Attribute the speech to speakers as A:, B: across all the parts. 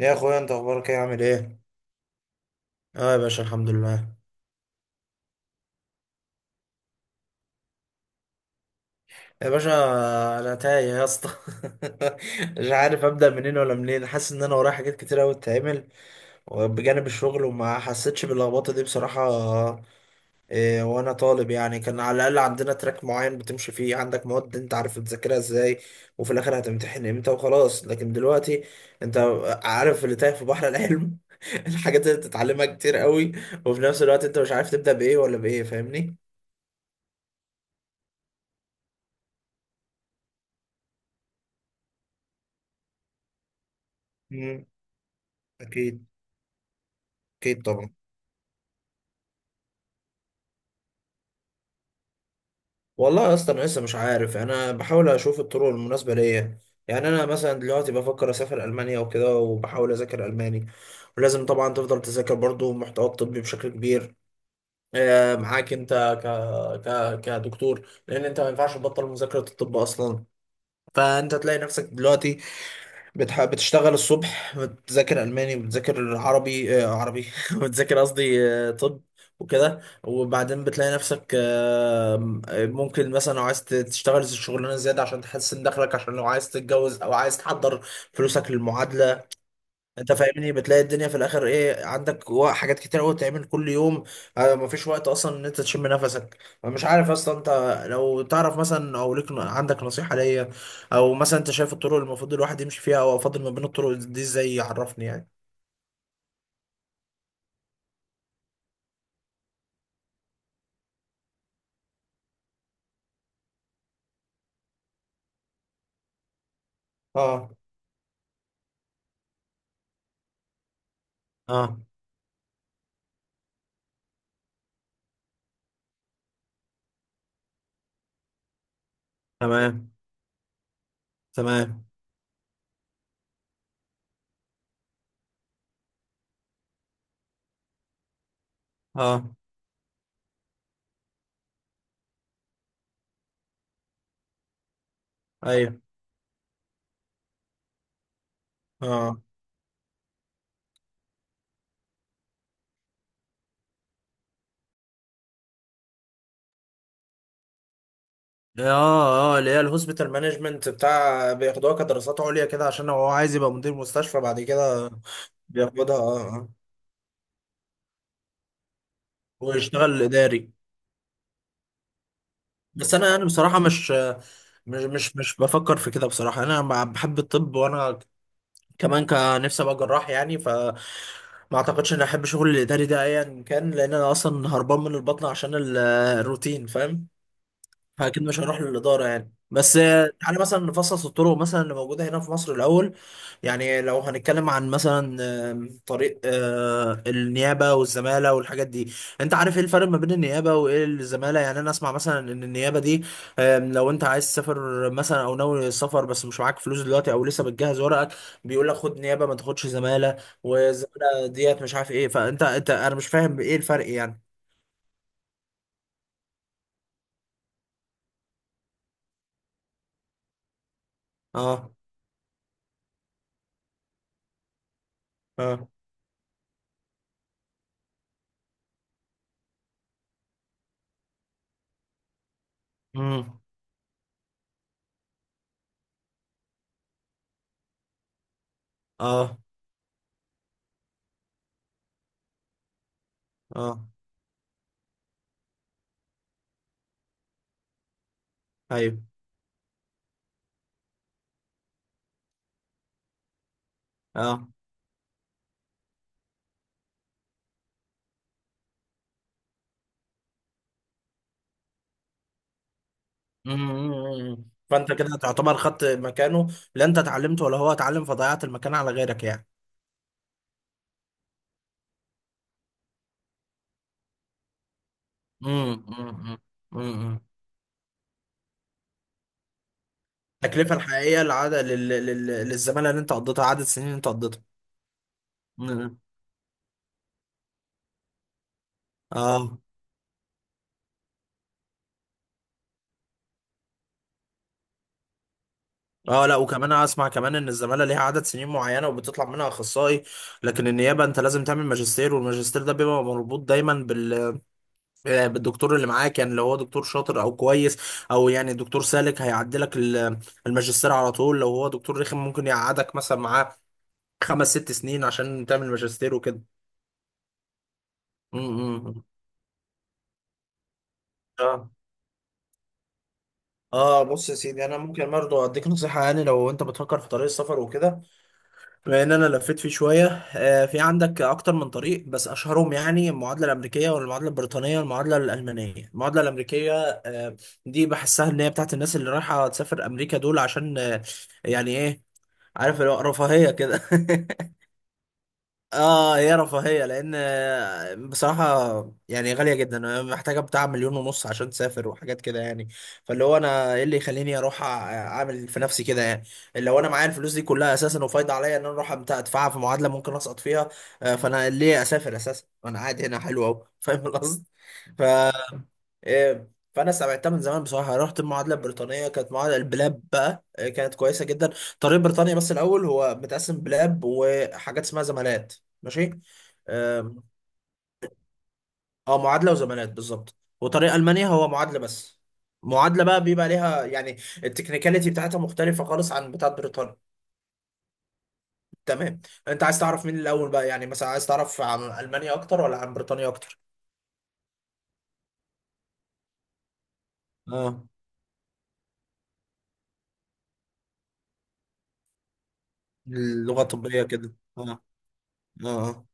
A: يا اخويا، انت اخبارك ايه؟ عامل ايه؟ اه يا باشا، الحمد لله. يا باشا، انا تايه يا اسطى. مش عارف ابدا منين ولا منين، حاسس ان انا ورايا حاجات كتير قوي تتعمل بجانب الشغل، وما حسيتش باللخبطه دي بصراحه. إيه، وانا طالب يعني كان على الاقل عندنا تراك معين بتمشي فيه، عندك مواد انت عارف تذاكرها ازاي، وفي الاخر هتمتحن امتى وخلاص. لكن دلوقتي انت عارف اللي تايه في بحر العلم. الحاجات اللي بتتعلمها كتير قوي، وفي نفس الوقت انت مش عارف تبدا بايه ولا بايه، فاهمني؟ اكيد. اكيد طبعا. والله يا اسطى، انا لسه مش عارف. انا بحاول اشوف الطرق المناسبه ليا. يعني انا مثلا دلوقتي بفكر اسافر المانيا وكده، وبحاول اذاكر الماني، ولازم طبعا تفضل تذاكر برضو محتوى الطبي بشكل كبير. معاك انت ك... كدكتور، لان انت ما ينفعش تبطل مذاكره الطب اصلا. فانت تلاقي نفسك دلوقتي بتشتغل الصبح، بتذاكر ألماني وبتذاكر عربي، عربي بتذاكر قصدي طب وكده. وبعدين بتلاقي نفسك، ممكن مثلا لو عايز تشتغل شغلانة زيادة عشان تحسن دخلك، عشان لو عايز تتجوز أو عايز تحضر فلوسك للمعادلة. انت فاهمني؟ بتلاقي الدنيا في الاخر ايه عندك، حاجات كتير قوي تعمل كل يوم. مفيش وقت اصلا ان انت تشم نفسك. مش عارف اصلا، انت لو تعرف مثلا او ليك عندك نصيحة ليا، او مثلا انت شايف الطرق اللي المفروض الواحد يمشي فيها، او افضل ما بين الطرق دي ازاي، يعرفني يعني. اه، اه، تمام، تمام، اه، ايوه، اه، اه، اه، اللي هي الهوسبيتال مانجمنت، بتاع بياخدوها كدراسات عليا كده عشان هو عايز يبقى مدير مستشفى بعد كده. بياخدها، اه، اه، ويشتغل اداري. بس انا يعني بصراحه مش بفكر في كده بصراحه. انا بحب الطب، وانا كمان كان نفسي ابقى جراح يعني، ف ما اعتقدش اني احب شغل الاداري ده ايا كان، لان انا اصلا هربان من البطن عشان الروتين، فاهم؟ فاكيد مش هروح للاداره يعني. بس تعالى مثلا نفصص الطرق مثلا اللي موجوده هنا في مصر الاول. يعني لو هنتكلم عن مثلا طريق النيابه والزماله والحاجات دي. انت عارف ايه الفرق ما بين النيابه وايه الزماله؟ يعني انا اسمع مثلا ان النيابه دي لو انت عايز تسافر مثلا او ناوي السفر، بس مش معاك فلوس دلوقتي او لسه بتجهز ورقك، بيقول لك خد نيابه ما تاخدش زماله. والزماله ديت مش عارف ايه. فانت انت انا مش فاهم ايه الفرق يعني. اه، اه، امم، اه، اه، ايوه، اه، مم. فانت كده تعتبر خدت مكانه. لا انت اتعلمت ولا هو اتعلم، فضيعت المكان على غيرك يعني. مم. مم. مم. التكلفه الحقيقيه العادة للزماله اللي انت قضيتها، عدد السنين اللي انت قضيتها. مم. اه، اه، لا، وكمان اسمع كمان ان الزماله ليها عدد سنين معينه وبتطلع منها اخصائي. لكن النيابه انت لازم تعمل ماجستير، والماجستير ده بيبقى مربوط دايما بال الدكتور اللي معاه. كان لو هو دكتور شاطر او كويس، او يعني دكتور سالك، هيعدلك الماجستير على طول. لو هو دكتور رخم ممكن يقعدك مثلا معاه خمس ست سنين عشان تعمل ماجستير وكده. امم، اه، اه، بص يا سيدي، انا ممكن برضه اديك نصيحه. يعني لو انت بتفكر في طريق السفر وكده، بما ان انا لفيت فيه شويه، في عندك اكتر من طريق، بس اشهرهم يعني المعادله الامريكيه والمعادله البريطانيه والمعادله الالمانيه. المعادله الامريكيه آه، دي بحسها ان هي بتاعت الناس اللي رايحه تسافر امريكا دول، عشان يعني ايه، عارف، اللي هو رفاهيه كده. اه، يا رفاهية، لان بصراحة يعني غالية جدا. أنا محتاجة بتاع 1.5 مليون عشان تسافر وحاجات كده يعني. فاللي هو انا ايه اللي يخليني اروح اعمل في نفسي كده يعني؟ لو انا معايا الفلوس دي كلها اساسا وفايضة عليا ان انا اروح ادفعها في معادلة ممكن اسقط فيها؟ فانا ليه اسافر اساسا وانا قاعد هنا حلو اهو؟ فاهم القصد؟ ف إيه، فانا سمعتها من زمان بصراحه. رحت المعادله البريطانيه، كانت معادله البلاب بقى، كانت كويسه جدا طريق بريطانيا. بس الاول هو متقسم بلاب وحاجات اسمها زمالات. ماشي، آم، اه معادله وزمالات بالظبط. وطريق المانيا هو معادله بس. معادله بقى بيبقى ليها يعني التكنيكاليتي بتاعتها مختلفه خالص عن بتاعت بريطانيا. تمام. انت عايز تعرف مين الاول بقى؟ يعني مثلا عايز تعرف عن المانيا اكتر ولا عن بريطانيا اكتر؟ اه، اللغه الطبيه كده، اه، اه، آه.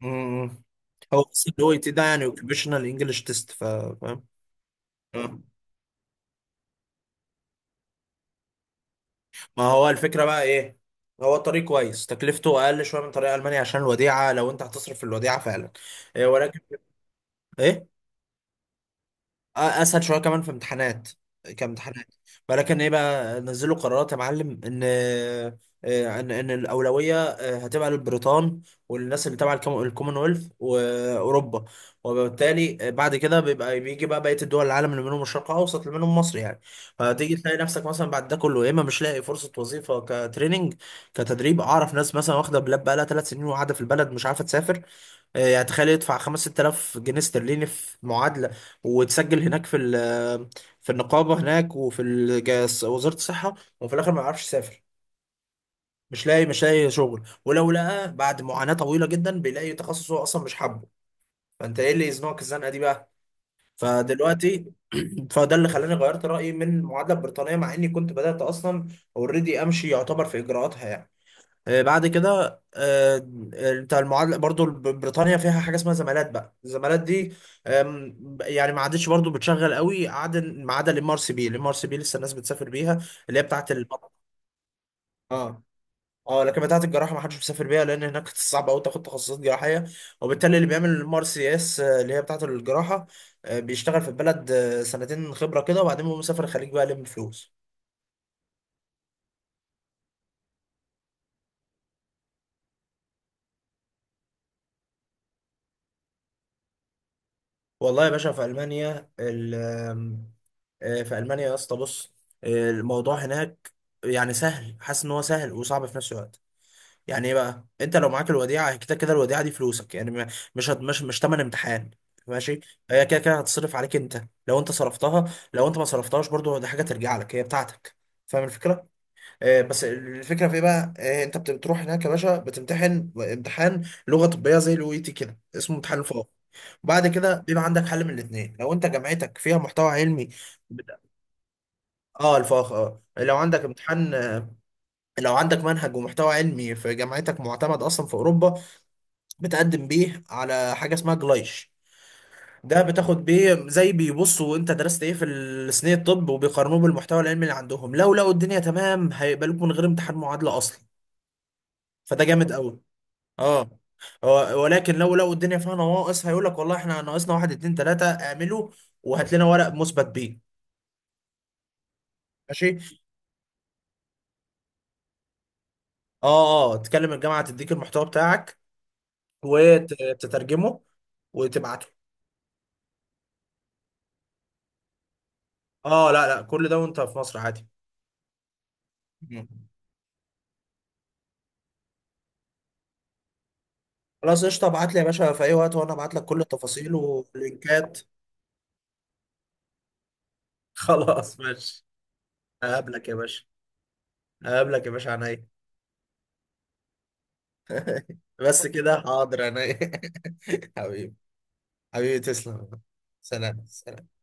A: مم. هو بس ال OET ده يعني اوكيبيشنال انجلش تيست، فاهم؟ مم. ما هو الفكرة بقى ايه. هو طريق كويس، تكلفته اقل شوية من طريق المانيا، عشان الوديعة، لو انت هتصرف في الوديعة فعلا. إيه، ولكن ايه، اسهل شويه كمان في امتحانات، كامتحانات. ولكن ايه بقى، نزلوا قرارات يا معلم، ان ان الاولويه هتبقى للبريطان، والناس اللي تبع الكومنولث واوروبا. وبالتالي بعد كده بيبقى بيجي بقى بقيه الدول العالم، اللي منهم الشرق الاوسط، اللي منهم مصر يعني. فتيجي تلاقي نفسك مثلا بعد ده كله، يا اما مش لاقي فرصه وظيفه كتريننج، كتدريب. اعرف ناس مثلا واخده بلاب بقى لها 3 سنين وقاعده في البلد مش عارفه تسافر. يعني تخيل، يدفع 5000 جنيه استرليني في معادلة وتسجل هناك في في النقابة هناك، وفي وزارة الصحة، وفي الآخر ما يعرفش يسافر. مش لاقي، مش لاقي شغل. ولو لقى بعد معاناة طويلة جدا، بيلاقي تخصص هو أصلا مش حابه. فأنت إيه اللي يزنقك الزنقة دي بقى؟ فدلوقتي فده اللي خلاني غيرت رأيي من المعادلة البريطانية، مع إني كنت بدأت أصلا أوريدي أمشي يعتبر في إجراءاتها يعني. بعد كده بتاع المعادله برضو بريطانيا فيها حاجه اسمها زمالات. بقى الزمالات دي يعني ما عادتش برضو بتشغل قوي، عدا ما عدا MRCP. MRCP لسه الناس بتسافر بيها. اللي هي بتاعت اه، اه، لكن بتاعت الجراحه ما حدش بيسافر بيها، لان هناك صعب قوي تاخد تخصصات جراحيه. وبالتالي اللي بيعمل MRCS، اللي هي بتاعت الجراحه، بيشتغل في البلد، سنتين خبره كده، وبعدين بيقوم مسافر الخليج بقى يلم فلوس. والله يا باشا، في المانيا ال- آم، آه، في المانيا يا اسطى، بص، الموضوع هناك يعني سهل. حاسس ان هو سهل وصعب في نفس الوقت. يعني ايه بقى، انت لو معاك الوديعه كده كده، الوديعه دي فلوسك يعني، ما- مش هت- مش مش تمن امتحان. ماشي. هي كده كده هتصرف عليك انت لو انت صرفتها، لو انت ما صرفتهاش برضو دي حاجه ترجع لك هي بتاعتك، فاهم الفكره؟ بس الفكره في ايه بقى، انت بتروح هناك يا باشا، بتمتحن امتحان لغه طبيه زي OET كده، اسمه امتحان الفاق. بعد كده بيبقى عندك حل من الاثنين، لو انت جامعتك فيها محتوى علمي. بت- اه الفاق. اه لو عندك امتحان، لو عندك منهج ومحتوى علمي في جامعتك معتمد اصلا في اوروبا، بتقدم بيه على حاجه اسمها جلايش. ده بتاخد بيه، زي بيبصوا انت درست ايه في السنين الطب وبيقارنوه بالمحتوى العلمي اللي عندهم، لو لقوا الدنيا تمام هيقبلوك من غير امتحان معادله اصلا. فده جامد قوي. اه. ولكن لو الدنيا فيها نواقص، هيقول لك والله احنا ناقصنا 1، 2، 3، اعمله وهات لنا ورق مثبت بيه. ماشي. اه، اه، تكلم الجامعه تديك المحتوى بتاعك، وتترجمه، وتبعته. اه لا، لا، كل ده وانت في مصر عادي. مم. خلاص قشطه، ابعت لي يا باشا في اي وقت وانا ابعت لك كل التفاصيل واللينكات. خلاص ماشي. هقابلك يا باشا، هقابلك يا باشا عينيا. بس كده، حاضر، عينيا. حبيبي. حبيبي، تسلم. سلام، سلام.